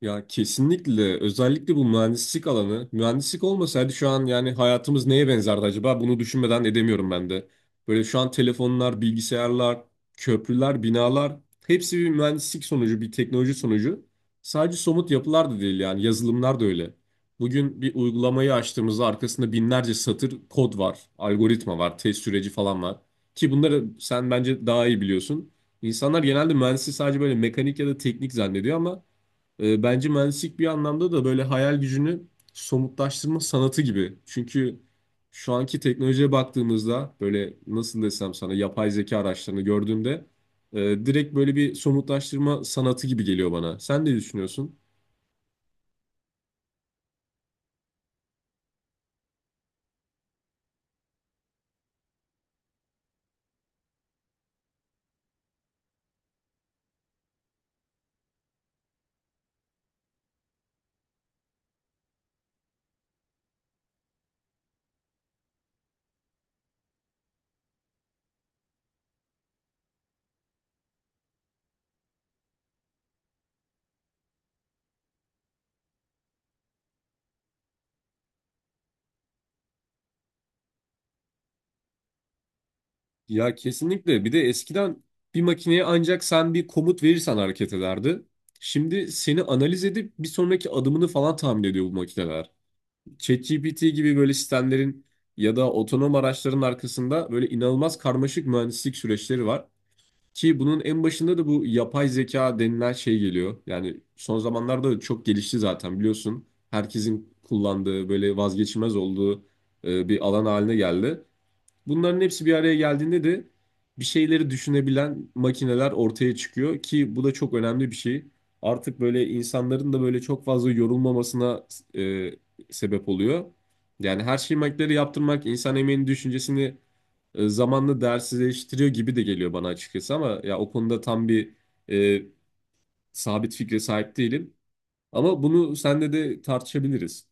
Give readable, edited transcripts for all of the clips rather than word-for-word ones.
Ya kesinlikle, özellikle bu mühendislik alanı, mühendislik olmasaydı şu an yani hayatımız neye benzerdi acaba, bunu düşünmeden edemiyorum ben de. Böyle şu an telefonlar, bilgisayarlar, köprüler, binalar hepsi bir mühendislik sonucu, bir teknoloji sonucu. Sadece somut yapılar da değil yani, yazılımlar da öyle. Bugün bir uygulamayı açtığımızda arkasında binlerce satır kod var, algoritma var, test süreci falan var. Ki bunları sen bence daha iyi biliyorsun. İnsanlar genelde mühendisliği sadece böyle mekanik ya da teknik zannediyor ama bence mühendislik bir anlamda da böyle hayal gücünü somutlaştırma sanatı gibi. Çünkü şu anki teknolojiye baktığımızda böyle nasıl desem sana, yapay zeka araçlarını gördüğümde direkt böyle bir somutlaştırma sanatı gibi geliyor bana. Sen ne düşünüyorsun? Ya kesinlikle. Bir de eskiden bir makineye ancak sen bir komut verirsen hareket ederdi. Şimdi seni analiz edip bir sonraki adımını falan tahmin ediyor bu makineler. ChatGPT gibi böyle sistemlerin ya da otonom araçların arkasında böyle inanılmaz karmaşık mühendislik süreçleri var. Ki bunun en başında da bu yapay zeka denilen şey geliyor. Yani son zamanlarda da çok gelişti zaten, biliyorsun. Herkesin kullandığı, böyle vazgeçilmez olduğu bir alan haline geldi. Bunların hepsi bir araya geldiğinde de bir şeyleri düşünebilen makineler ortaya çıkıyor ki bu da çok önemli bir şey. Artık böyle insanların da böyle çok fazla yorulmamasına e, sebep oluyor. Yani her şeyi makineleri yaptırmak insan emeğinin düşüncesini zamanla değersizleştiriyor gibi de geliyor bana açıkçası, ama ya o konuda tam bir e, sabit fikre sahip değilim. Ama bunu senle de tartışabiliriz.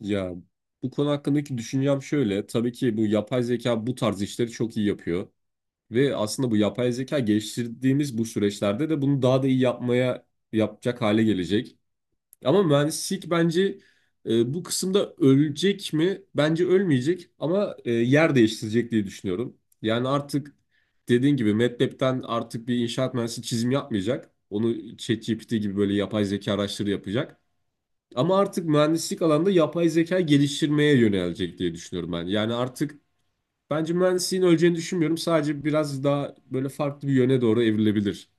Ya bu konu hakkındaki düşüncem şöyle. Tabii ki bu yapay zeka bu tarz işleri çok iyi yapıyor. Ve aslında bu yapay zeka geliştirdiğimiz bu süreçlerde de bunu daha da iyi yapacak hale gelecek. Ama mühendislik bence bu kısımda ölecek mi? Bence ölmeyecek, ama yer değiştirecek diye düşünüyorum. Yani artık dediğin gibi MATLAB'den artık bir inşaat mühendisi çizim yapmayacak. Onu ChatGPT gibi böyle yapay zeka araçları yapacak. Ama artık mühendislik alanda yapay zeka geliştirmeye yönelecek diye düşünüyorum ben. Yani artık bence mühendisliğin öleceğini düşünmüyorum. Sadece biraz daha böyle farklı bir yöne doğru evrilebilir.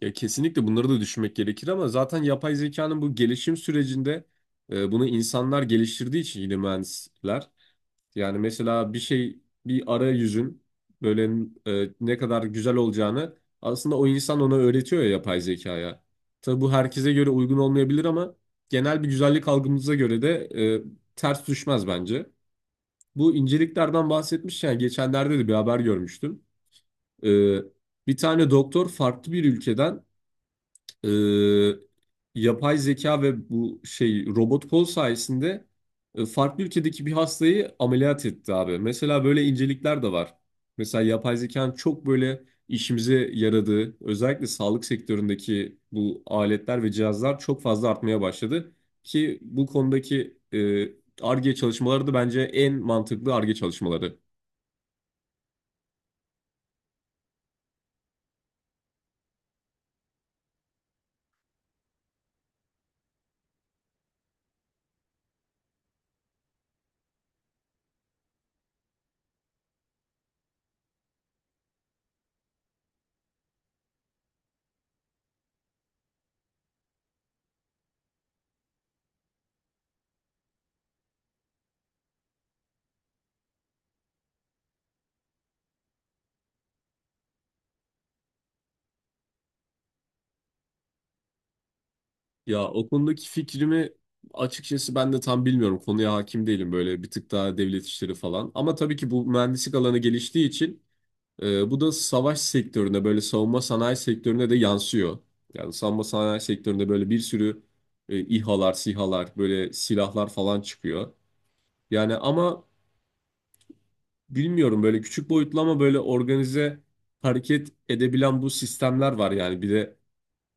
Ya kesinlikle bunları da düşünmek gerekir, ama zaten yapay zekanın bu gelişim sürecinde bunu insanlar geliştirdiği için, yine mühendisler. Yani mesela bir şey, bir arayüzün böyle ne kadar güzel olacağını aslında o insan ona öğretiyor ya, yapay zekaya. Tabii bu herkese göre uygun olmayabilir, ama genel bir güzellik algımıza göre de e, ters düşmez bence. Bu inceliklerden bahsetmişken geçenlerde de bir haber görmüştüm. Ee, Bir tane doktor farklı bir ülkeden e, yapay zeka ve bu şey robot kol sayesinde farklı ülkedeki bir hastayı ameliyat etti abi. Mesela böyle incelikler de var. Mesela yapay zekanın çok böyle işimize yaradığı, özellikle sağlık sektöründeki bu aletler ve cihazlar çok fazla artmaya başladı. Ki bu konudaki Ar-Ge çalışmaları da bence en mantıklı Ar-Ge çalışmaları. Ya o konudaki fikrimi açıkçası ben de tam bilmiyorum. Konuya hakim değilim, böyle bir tık daha devlet işleri falan. Ama tabii ki bu mühendislik alanı geliştiği için bu da savaş sektörüne, böyle savunma sanayi sektörüne de yansıyor. Yani savunma sanayi sektöründe böyle bir sürü İHA'lar, SİHA'lar, böyle silahlar falan çıkıyor. Yani ama bilmiyorum, böyle küçük boyutlu ama böyle organize hareket edebilen bu sistemler var yani. Bir de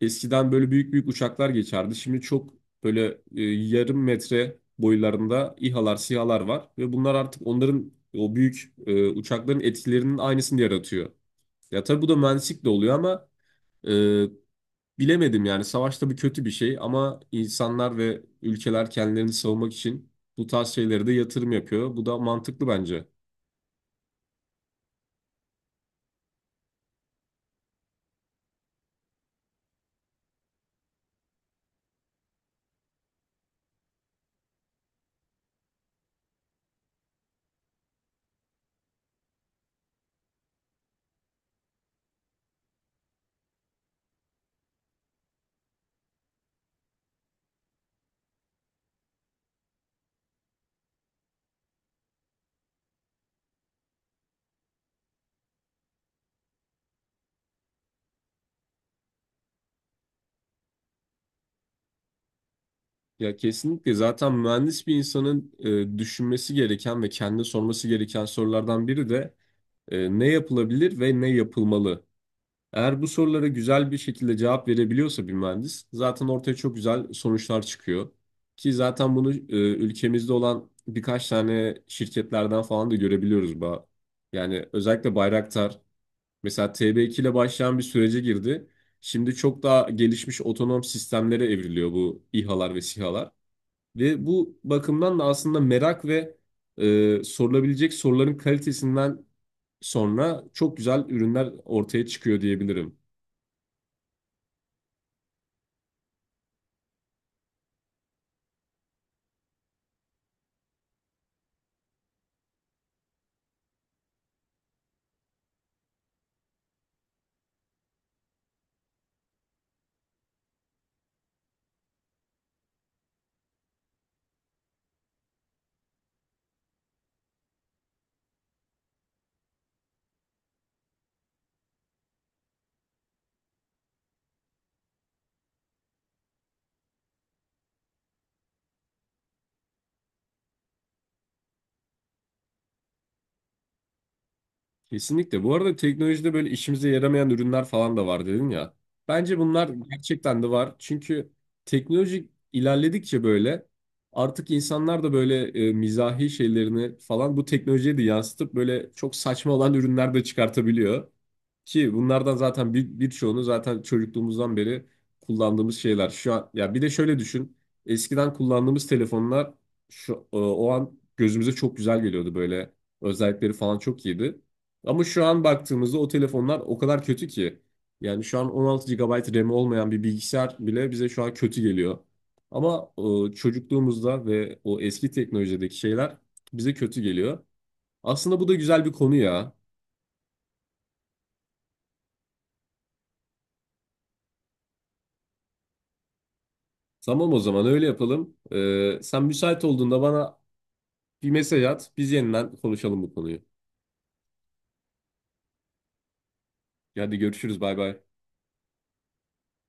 eskiden böyle büyük büyük uçaklar geçerdi. Şimdi çok böyle yarım metre boylarında İHA'lar, SİHA'lar var ve bunlar artık onların o büyük uçakların etkilerinin aynısını yaratıyor. Ya tabii bu da mühendislik de oluyor ama e, bilemedim yani, savaş tabii kötü bir şey, ama insanlar ve ülkeler kendilerini savunmak için bu tarz şeylere de yatırım yapıyor. Bu da mantıklı bence. Ya kesinlikle, zaten mühendis bir insanın düşünmesi gereken ve kendine sorması gereken sorulardan biri de, E, ne yapılabilir ve ne yapılmalı? Eğer bu sorulara güzel bir şekilde cevap verebiliyorsa bir mühendis, zaten ortaya çok güzel sonuçlar çıkıyor. Ki zaten bunu ülkemizde olan birkaç tane şirketlerden falan da görebiliyoruz. Yani özellikle Bayraktar mesela TB2 ile başlayan bir sürece girdi. Şimdi çok daha gelişmiş otonom sistemlere evriliyor bu İHA'lar ve SİHA'lar. Ve bu bakımdan da aslında merak ve sorulabilecek soruların kalitesinden sonra çok güzel ürünler ortaya çıkıyor diyebilirim. Kesinlikle. Bu arada teknolojide böyle işimize yaramayan ürünler falan da var dedin ya. Bence bunlar gerçekten de var. Çünkü teknoloji ilerledikçe böyle artık insanlar da böyle mizahi şeylerini falan bu teknolojiye de yansıtıp böyle çok saçma olan ürünler de çıkartabiliyor. Ki bunlardan zaten birçoğunu zaten çocukluğumuzdan beri kullandığımız şeyler. Şu an ya, bir de şöyle düşün. Eskiden kullandığımız telefonlar şu o an gözümüze çok güzel geliyordu böyle. Özellikleri falan çok iyiydi. Ama şu an baktığımızda o telefonlar o kadar kötü ki. Yani şu an 16 gigabayt RAM olmayan bir bilgisayar bile bize şu an kötü geliyor. Ama çocukluğumuzda ve o eski teknolojideki şeyler bize kötü geliyor. Aslında bu da güzel bir konu ya. Tamam, o zaman öyle yapalım. Sen müsait olduğunda bana bir mesaj at. Biz yeniden konuşalım bu konuyu. Hadi görüşürüz. Bay bay.